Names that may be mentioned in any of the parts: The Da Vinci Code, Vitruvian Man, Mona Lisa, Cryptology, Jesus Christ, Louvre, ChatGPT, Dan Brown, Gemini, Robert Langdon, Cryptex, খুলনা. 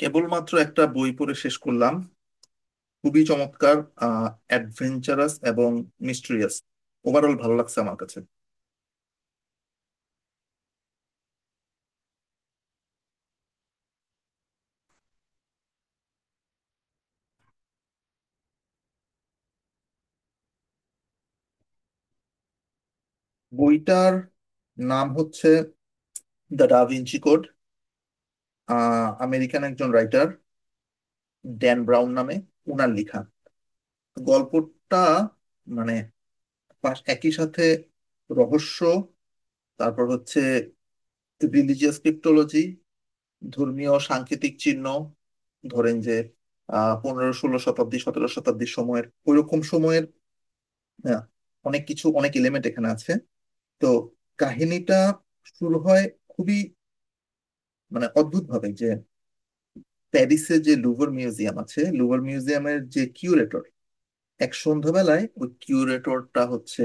কেবলমাত্র একটা বই পড়ে শেষ করলাম। খুবই চমৎকার। অ্যাডভেঞ্চারাস এবং মিস্ট্রিয়াস। ওভারঅল ভালো লাগছে আমার কাছে। বইটার নাম হচ্ছে দ্য ডা ভিঞ্চি কোড। আমেরিকান একজন রাইটার ড্যান ব্রাউন নামে ওনার লেখা। গল্পটা মানে একই সাথে রহস্য, তারপর হচ্ছে রিলিজিয়াস ক্রিপ্টোলজি, ধর্মীয় সাংকেতিক চিহ্ন, ধরেন যে 15 16 শতাব্দী, 17 শতাব্দীর সময়ের, ওইরকম সময়ের আহ, অনেক কিছু, অনেক এলিমেন্ট এখানে আছে। তো কাহিনীটা শুরু হয় খুবই মানে অদ্ভুত ভাবে, যে প্যারিসে যে লুভর মিউজিয়াম আছে, লুভর মিউজিয়ামের যে কিউরেটর, এক সন্ধ্যাবেলায় ওই কিউরেটরটা হচ্ছে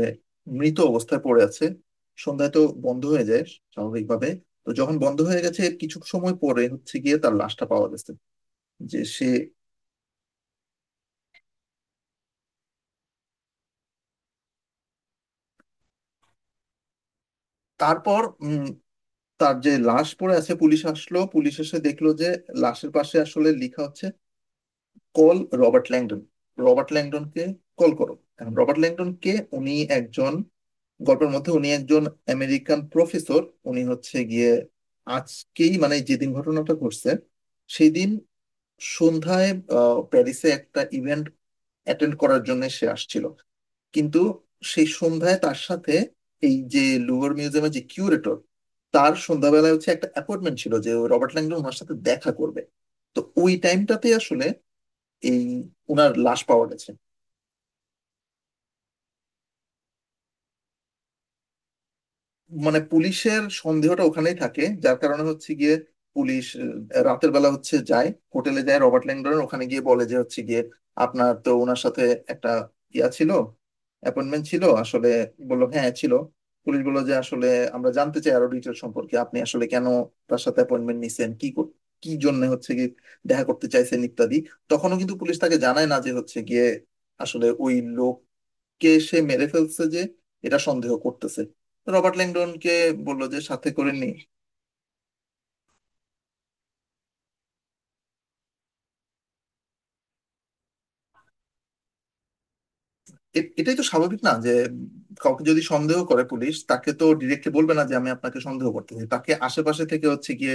মৃত অবস্থায় পড়ে আছে। সন্ধ্যায় তো বন্ধ হয়ে যায় স্বাভাবিকভাবে। তো যখন বন্ধ হয়ে গেছে, কিছু সময় পরে হচ্ছে গিয়ে তার লাশটা পাওয়া গেছে যে সে তারপর তার যে লাশ পড়ে আছে, পুলিশ আসলো, পুলিশ এসে দেখলো যে লাশের পাশে আসলে লেখা হচ্ছে কোল রবার্ট ল্যাংডন, রবার্ট ল্যাংডনকে কল করো। এখন রবার্ট ল্যাংডনকে, উনি একজন, গল্পের মধ্যে উনি একজন আমেরিকান প্রফেসর। উনি হচ্ছে গিয়ে আজকেই, মানে যেদিন ঘটনাটা ঘটছে সেই দিন সন্ধ্যায় প্যারিসে একটা ইভেন্ট অ্যাটেন্ড করার জন্য সে আসছিল। কিন্তু সেই সন্ধ্যায় তার সাথে, এই যে লুভর মিউজিয়ামের যে কিউরেটর, তার সন্ধ্যাবেলায় হচ্ছে একটা অ্যাপয়েন্টমেন্ট ছিল, যে রবার্ট ল্যাংডন ওনার সাথে দেখা করবে। তো ওই টাইমটাতে আসলে এই উনার লাশ পাওয়া গেছে। মানে পুলিশের সন্দেহটা ওখানেই থাকে, যার কারণে হচ্ছে গিয়ে পুলিশ রাতের বেলা হচ্ছে যায়, হোটেলে যায়। রবার্ট ল্যাংডন ওখানে গিয়ে বলে যে হচ্ছে গিয়ে আপনার তো ওনার সাথে একটা ইয়া ছিল, অ্যাপয়েন্টমেন্ট ছিল আসলে। বললো হ্যাঁ ছিল। পুলিশ বললো যে আসলে আমরা জানতে চাই আরো ডিটেল সম্পর্কে, আপনি আসলে কেন তার সাথে অ্যাপয়েন্টমেন্ট নিছেন, কি জন্য হচ্ছে গিয়ে দেখা করতে চাইছেন ইত্যাদি। তখনও কিন্তু পুলিশ তাকে জানায় না যে হচ্ছে গিয়ে আসলে ওই লোক কে সে মেরে ফেলছে, যে এটা সন্দেহ করতেছে। তো রবার্ট ল্যাংডনকে বললো যে সাথে করে নি। এটাই তো স্বাভাবিক না, যে কাউকে যদি সন্দেহ করে পুলিশ, তাকে তো ডিরেক্টলি বলবে না যে আমি আপনাকে সন্দেহ করতেছি, তাকে আশেপাশে থেকে হচ্ছে গিয়ে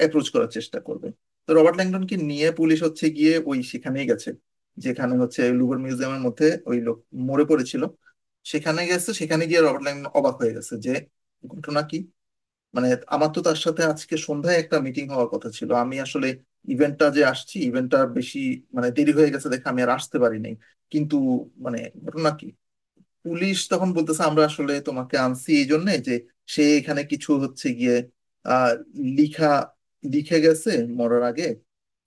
অ্যাপ্রোচ করার চেষ্টা করবে। তো রবার্ট ল্যাংডনকে নিয়ে পুলিশ হচ্ছে গিয়ে ওই সেখানেই গেছে, যেখানে হচ্ছে লুভর মিউজিয়ামের মধ্যে ওই লোক মরে পড়েছিল। সেখানে গেছে, সেখানে গিয়ে রবার্ট ল্যাংডন অবাক হয়ে গেছে যে ঘটনা কি, মানে আমার তো তার সাথে আজকে সন্ধ্যায় একটা মিটিং হওয়ার কথা ছিল, আমি আসলে ইভেন্টটা যে আসছি, ইভেন্টটা বেশি মানে দেরি হয়ে গেছে দেখে আমি আর আসতে পারি নাই। কিন্তু মানে ঘটনা কি? পুলিশ তখন বলতেছে আমরা আসলে তোমাকে আনছি এই জন্য যে সে এখানে কিছু হচ্ছে গিয়ে আহ লিখা, লিখে গেছে মরার আগে।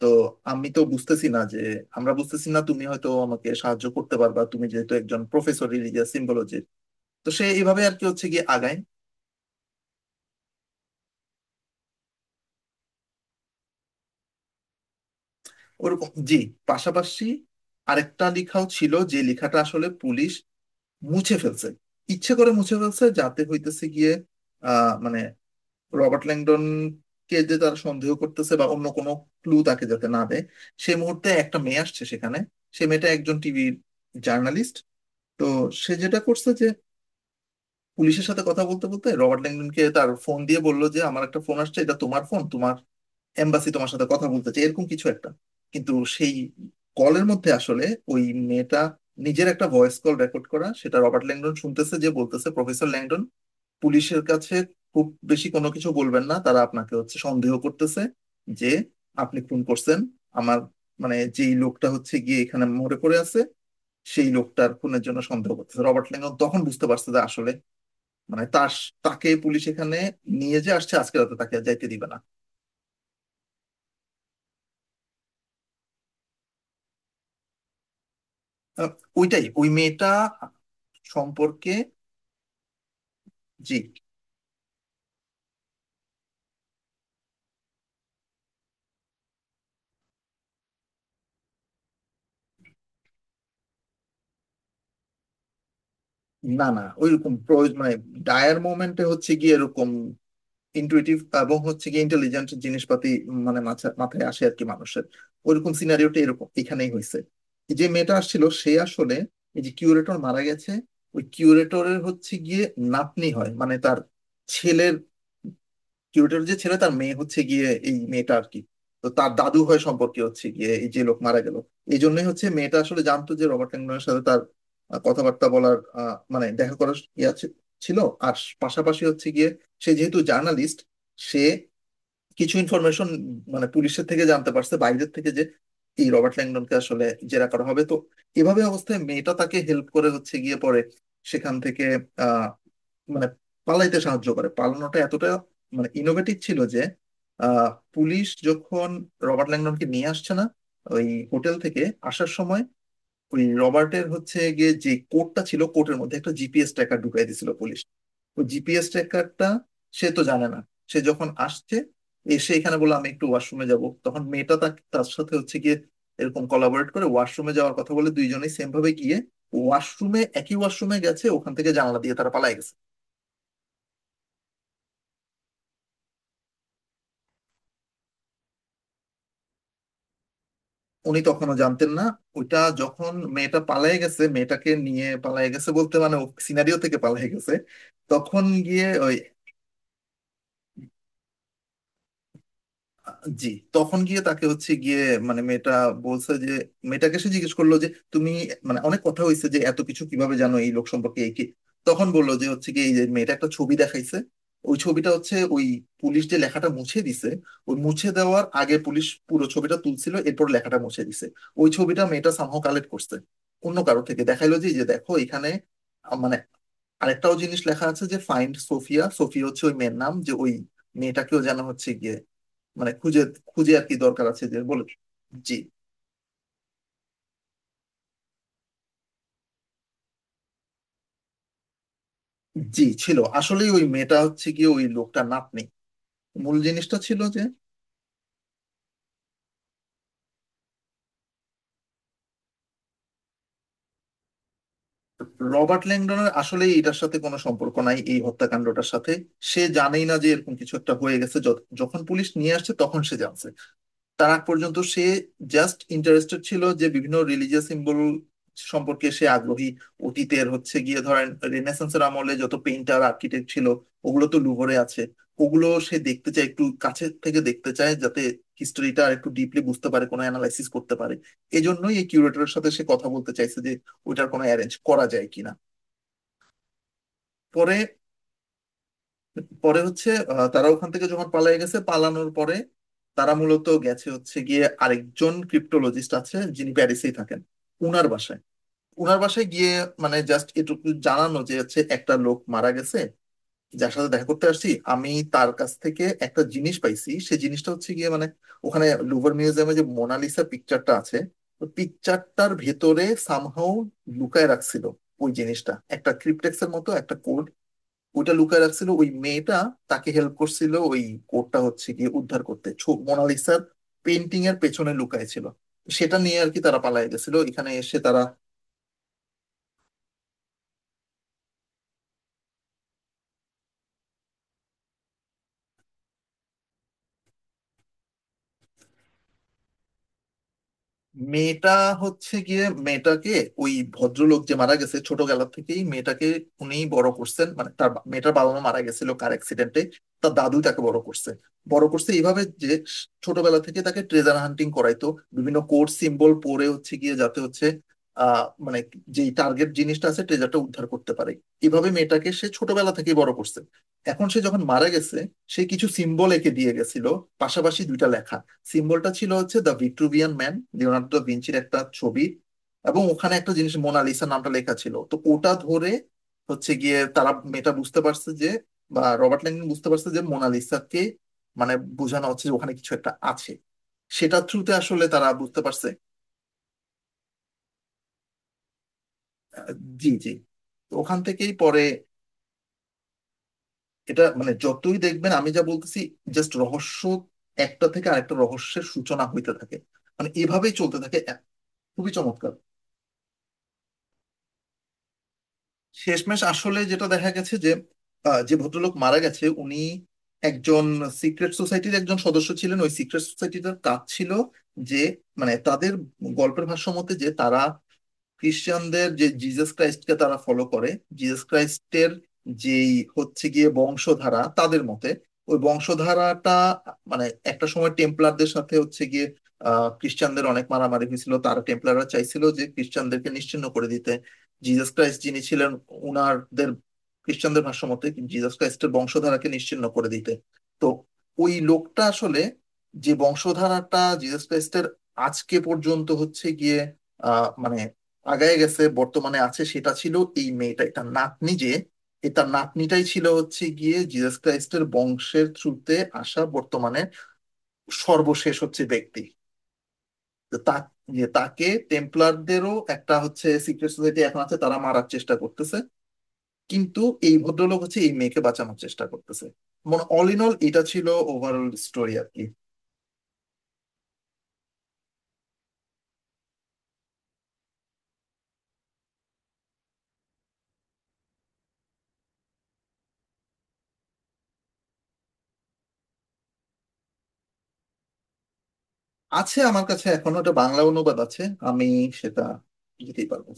তো আমি তো বুঝতেছি না যে, আমরা বুঝতেছি না, তুমি হয়তো আমাকে সাহায্য করতে পারবা, তুমি যেহেতু একজন প্রফেসর রিলিজিয়াস সিম্বলজির। তো সে এইভাবে আর কি হচ্ছে গিয়ে আগায়। ওরকম, জি। পাশাপাশি আরেকটা লেখাও ছিল, যে লেখাটা আসলে পুলিশ মুছে ফেলছে, ইচ্ছে করে মুছে ফেলছে যাতে হইতেছে গিয়ে মানে রবার্ট ল্যাংডন কে যে তারা সন্দেহ করতেছে বা অন্য কোনো ক্লু তাকে যাতে না দেয়। সেই মুহূর্তে একটা মেয়ে আসছে সেখানে, সে মেয়েটা একজন টিভি জার্নালিস্ট। তো সে যেটা করছে যে পুলিশের সাথে কথা বলতে বলতে রবার্ট ল্যাংডনকে তার ফোন দিয়ে বললো যে আমার একটা ফোন আসছে, এটা তোমার ফোন, তোমার এম্বাসি তোমার সাথে কথা বলতে চাই, এরকম কিছু একটা। কিন্তু সেই কলের মধ্যে আসলে ওই মেয়েটা নিজের একটা ভয়েস কল রেকর্ড করা, সেটা রবার্ট ল্যাংডন শুনতেছে, যে বলতেছে প্রফেসর ল্যাংডন, পুলিশের কাছে খুব বেশি কোনো কিছু বলবেন না, তারা আপনাকে হচ্ছে সন্দেহ করতেছে যে আপনি খুন করছেন আমার, মানে যেই লোকটা হচ্ছে গিয়ে এখানে মরে পড়ে আছে সেই লোকটার খুনের জন্য সন্দেহ করতেছে। রবার্ট ল্যাংডন তখন বুঝতে পারছে যে আসলে মানে তার, তাকে পুলিশ এখানে নিয়ে যে আসছে, আজকে রাতে তাকে আর যাইতে দিবে না। আহ, ওইটাই ওই মেয়েটা সম্পর্কে। জি। না, না, ওইরকম প্রয়োজন, মানে ডায়ার মোমেন্টে হচ্ছে গিয়ে এরকম ইন্টুইটিভ এবং হচ্ছে গিয়ে ইন্টেলিজেন্ট জিনিসপাতি মানে মাথায় আসে আর কি মানুষের, ওইরকম সিনারিওটা এরকম এখানেই হয়েছে। যে মেয়েটা আসছিল সে আসলে এই যে কিউরেটর মারা গেছে, ওই কিউরেটরের হচ্ছে গিয়ে নাতনি হয়, মানে তার ছেলের, কিউরেটর যে ছিল তার মেয়ে হচ্ছে গিয়ে এই মেয়েটা আর কি। তো তার দাদু হয় সম্পর্কে হচ্ছে গিয়ে এই যে লোক মারা গেল। এই জন্যই হচ্ছে মেয়েটা আসলে জানতো যে রবার্ট ল্যাংডনের সাথে তার কথাবার্তা বলার মানে দেখা করার ইয়ে ছিল। আর পাশাপাশি হচ্ছে গিয়ে সে যেহেতু জার্নালিস্ট, সে কিছু ইনফরমেশন মানে পুলিশের থেকে জানতে পারছে, বাইরের থেকে, যে এই রবার্ট ল্যাংডনকে আসলে জেরা করা হবে। তো এভাবে অবস্থায় মেয়েটা তাকে হেল্প করে হচ্ছে গিয়ে পরে সেখান থেকে আহ মানে পালাইতে সাহায্য করে। পালানোটা এতটা মানে ইনোভেটিভ ছিল যে আহ পুলিশ যখন রবার্ট ল্যাংডনকে নিয়ে আসছে না ওই হোটেল থেকে আসার সময়, ওই রবার্টের হচ্ছে গিয়ে যে কোডটা ছিল, কোডের মধ্যে একটা জিপিএস ট্র্যাকার ঢুকাই দিছিল পুলিশ। ওই জিপিএস ট্র্যাকারটা সে তো জানে না। সে যখন আসছে, এসে এখানে বলে আমি একটু ওয়াশরুমে যাব, তখন মেয়েটা তার সাথে হচ্ছে গিয়ে এরকম কোলাবরেট করে, ওয়াশরুমে যাওয়ার কথা বলে 2 জনেই সেম ভাবে গিয়ে ওয়াশরুমে, একই ওয়াশরুমে গেছে, ওখান থেকে জানালা দিয়ে তারা পালায় গেছে। উনি তখনও জানতেন না। ওইটা যখন মেয়েটা পালায় গেছে, মেয়েটাকে নিয়ে পালায় গেছে বলতে মানে সিনারিও থেকে পালায় গেছে, তখন গিয়ে ওই, জি, তখন গিয়ে তাকে হচ্ছে গিয়ে মানে মেয়েটা বলছে যে, মেয়েটাকে সে জিজ্ঞেস করলো যে তুমি মানে, অনেক কথা হয়েছে যে এত কিছু কিভাবে জানো এই লোক সম্পর্কে, এই কি। তখন বললো যে হচ্ছে কি এই যে মেয়েটা একটা ছবি দেখাইছে, ওই ছবিটা হচ্ছে ওই পুলিশ যে লেখাটা মুছে দিছে, ওই মুছে দেওয়ার আগে পুলিশ পুরো ছবিটা তুলছিল এরপর লেখাটা মুছে দিছে, ওই ছবিটা মেয়েটা সামহাও কালেক্ট করছে অন্য কারো থেকে, দেখাইলো যে এই যে দেখো এখানে মানে আরেকটাও জিনিস লেখা আছে যে ফাইন্ড সোফিয়া। সোফিয়া হচ্ছে ওই মেয়ের নাম, যে ওই মেয়েটাকেও জানা হচ্ছে গিয়ে, মানে খুঁজে, খুঁজে আর কি দরকার আছে যে বলে। জি, জি, ছিল আসলেই। ওই মেয়েটা হচ্ছে গিয়ে ওই লোকটা নাতনি। মূল জিনিসটা ছিল যে রবার্ট ল্যাংডনের আসলে এটার সাথে কোনো সম্পর্ক নাই, এই হত্যাকাণ্ডটার সাথে। সে জানেই না যে এরকম কিছু একটা হয়ে গেছে, যখন পুলিশ নিয়ে আসছে তখন সে জানছে। তার আগ পর্যন্ত সে জাস্ট ইন্টারেস্টেড ছিল যে বিভিন্ন রিলিজিয়াস সিম্বল সম্পর্কে সে আগ্রহী। অতীতের হচ্ছে গিয়ে ধরেন রেনেসান্সের আমলে যত পেইন্টার আর্কিটেক্ট ছিল, ওগুলো তো লুভরে আছে, ওগুলো সে দেখতে চায়, একটু কাছে থেকে দেখতে চায়, যাতে হিস্টোরিটা আর একটু ডিপলি বুঝতে পারে, কোনো অ্যানালাইসিস করতে পারে। এজন্যই এই কিউরেটরের সাথে সে কথা বলতে চাইছে, যে ওইটার কোনো অ্যারেঞ্জ করা যায় কিনা। পরে, পরে হচ্ছে তারা ওখান থেকে যখন পালিয়ে গেছে, পালানোর পরে তারা মূলত গেছে হচ্ছে গিয়ে আরেকজন ক্রিপ্টোলজিস্ট আছে যিনি প্যারিসেই থাকেন, উনার বাসায়, উনার বাসায় গিয়ে মানে জাস্ট এটুকু জানানো যে হচ্ছে একটা লোক মারা গেছে, যার সাথে দেখা করতে আসছি আমি, তার কাছ থেকে একটা জিনিস পাইছি। সেই জিনিসটা হচ্ছে গিয়ে মানে ওখানে লুভার মিউজিয়ামে যে মোনালিসা পিকচারটা আছে, পিকচারটার ভেতরে সামহাও লুকায় রাখছিল। ওই জিনিসটা একটা ক্রিপ্টেক্স এর মতো একটা কোড, ওইটা লুকায় রাখছিল। ওই মেয়েটা তাকে হেল্প করছিল ওই কোডটা হচ্ছে গিয়ে উদ্ধার করতে, মোনালিসার পেন্টিং এর পেছনে লুকায় ছিল, সেটা নিয়ে আর কি তারা পালায় গেছিল। এখানে এসে তারা মেয়েটা হচ্ছে গিয়ে মেয়েটাকে ওই ভদ্রলোক যে মারা গেছে, ছোটবেলা থেকেই মেয়েটাকে উনিই বড় করছেন, মানে তার মেয়েটার বাবা মা মারা গেছিল কার অ্যাক্সিডেন্টে, তার দাদু তাকে বড় করছে। বড় করছে এইভাবে যে ছোটবেলা থেকে তাকে ট্রেজার হান্টিং করাইতো বিভিন্ন কোড সিম্বল পড়ে, হচ্ছে গিয়ে যাতে হচ্ছে মানে যেই টার্গেট জিনিসটা আছে, ট্রেজারটা উদ্ধার করতে পারে। এইভাবে মেয়েটাকে সে ছোটবেলা থেকেই বড় করছে। এখন সে যখন মারা গেছে, সে কিছু সিম্বল এঁকে দিয়ে গেছিল, পাশাপাশি 2টা লেখা। সিম্বলটা ছিল হচ্ছে the Vitruvian man, Leonardo da ভিঞ্চির একটা ছবি, এবং ওখানে একটা জিনিস মোনালিসা নামটা লেখা ছিল। তো ওটা ধরে হচ্ছে গিয়ে তারা, মেয়েটা বুঝতে পারছে যে, বা রবার্ট ল্যাংডন বুঝতে পারছে যে মোনালিসাকে মানে বোঝানো হচ্ছে, যে ওখানে কিছু একটা আছে। সেটা থ্রুতে আসলে তারা বুঝতে পারছে। জি, জি। তো ওখান থেকেই পরে, এটা মানে যতই দেখবেন আমি যা বলতেছি জাস্ট রহস্য, একটা থেকে আরেকটা রহস্যের সূচনা হইতে থাকে। মানে এভাবেই চলতে থাকে খুবই চমৎকার। শেষমেশ আসলে যেটা দেখা গেছে যে যে ভদ্রলোক মারা গেছে উনি একজন সিক্রেট সোসাইটির একজন সদস্য ছিলেন। ওই সিক্রেট সোসাইটিটার কাজ ছিল যে, মানে তাদের গল্পের ভাষ্য মতে, যে তারা খ্রিস্টানদের যে জিজাস ক্রাইস্টকে তারা ফলো করে, জিজাস ক্রাইস্টের যেই হচ্ছে গিয়ে বংশধারা তাদের মতে, ওই বংশধারাটা মানে একটা সময় টেম্পলারদের সাথে হচ্ছে গিয়ে খ্রিস্টানদের অনেক মারামারি হয়েছিল, তারা টেম্পলাররা চাইছিল যে খ্রিস্টানদেরকে নিশ্চিহ্ন করে দিতে, জিজাস ক্রাইস্ট যিনি ছিলেন উনারদের, খ্রিস্টানদের ভাষ্য মতে জিজাস ক্রাইস্টের বংশধারাকে নিশ্চিহ্ন করে দিতে। তো ওই লোকটা আসলে, যে বংশধারাটা জিজাস ক্রাইস্টের আজকে পর্যন্ত হচ্ছে গিয়ে মানে আগায় গেছে বর্তমানে আছে, সেটা ছিল এই মেয়েটাই, তার নাতনি। যে এ তার নাতনিটাই ছিল হচ্ছে গিয়ে জিসাস ক্রাইস্টের বংশের থ্রুতে আসা বর্তমানে সর্বশেষ হচ্ছে ব্যক্তি। তো তা, যে তাকে টেম্পলারদেরও একটা হচ্ছে সিক্রেট সোসাইটি এখন আছে, তারা মারার চেষ্টা করতেছে। কিন্তু এই ভদ্রলোক হচ্ছে এই মেয়েকে বাঁচানোর চেষ্টা করতেছে। মানে অল ইন অল এটা ছিল ওভারঅল স্টোরি আর কি। আছে, আমার কাছে এখনো একটা বাংলা অনুবাদ আছে, আমি সেটা দিতেই পারবো।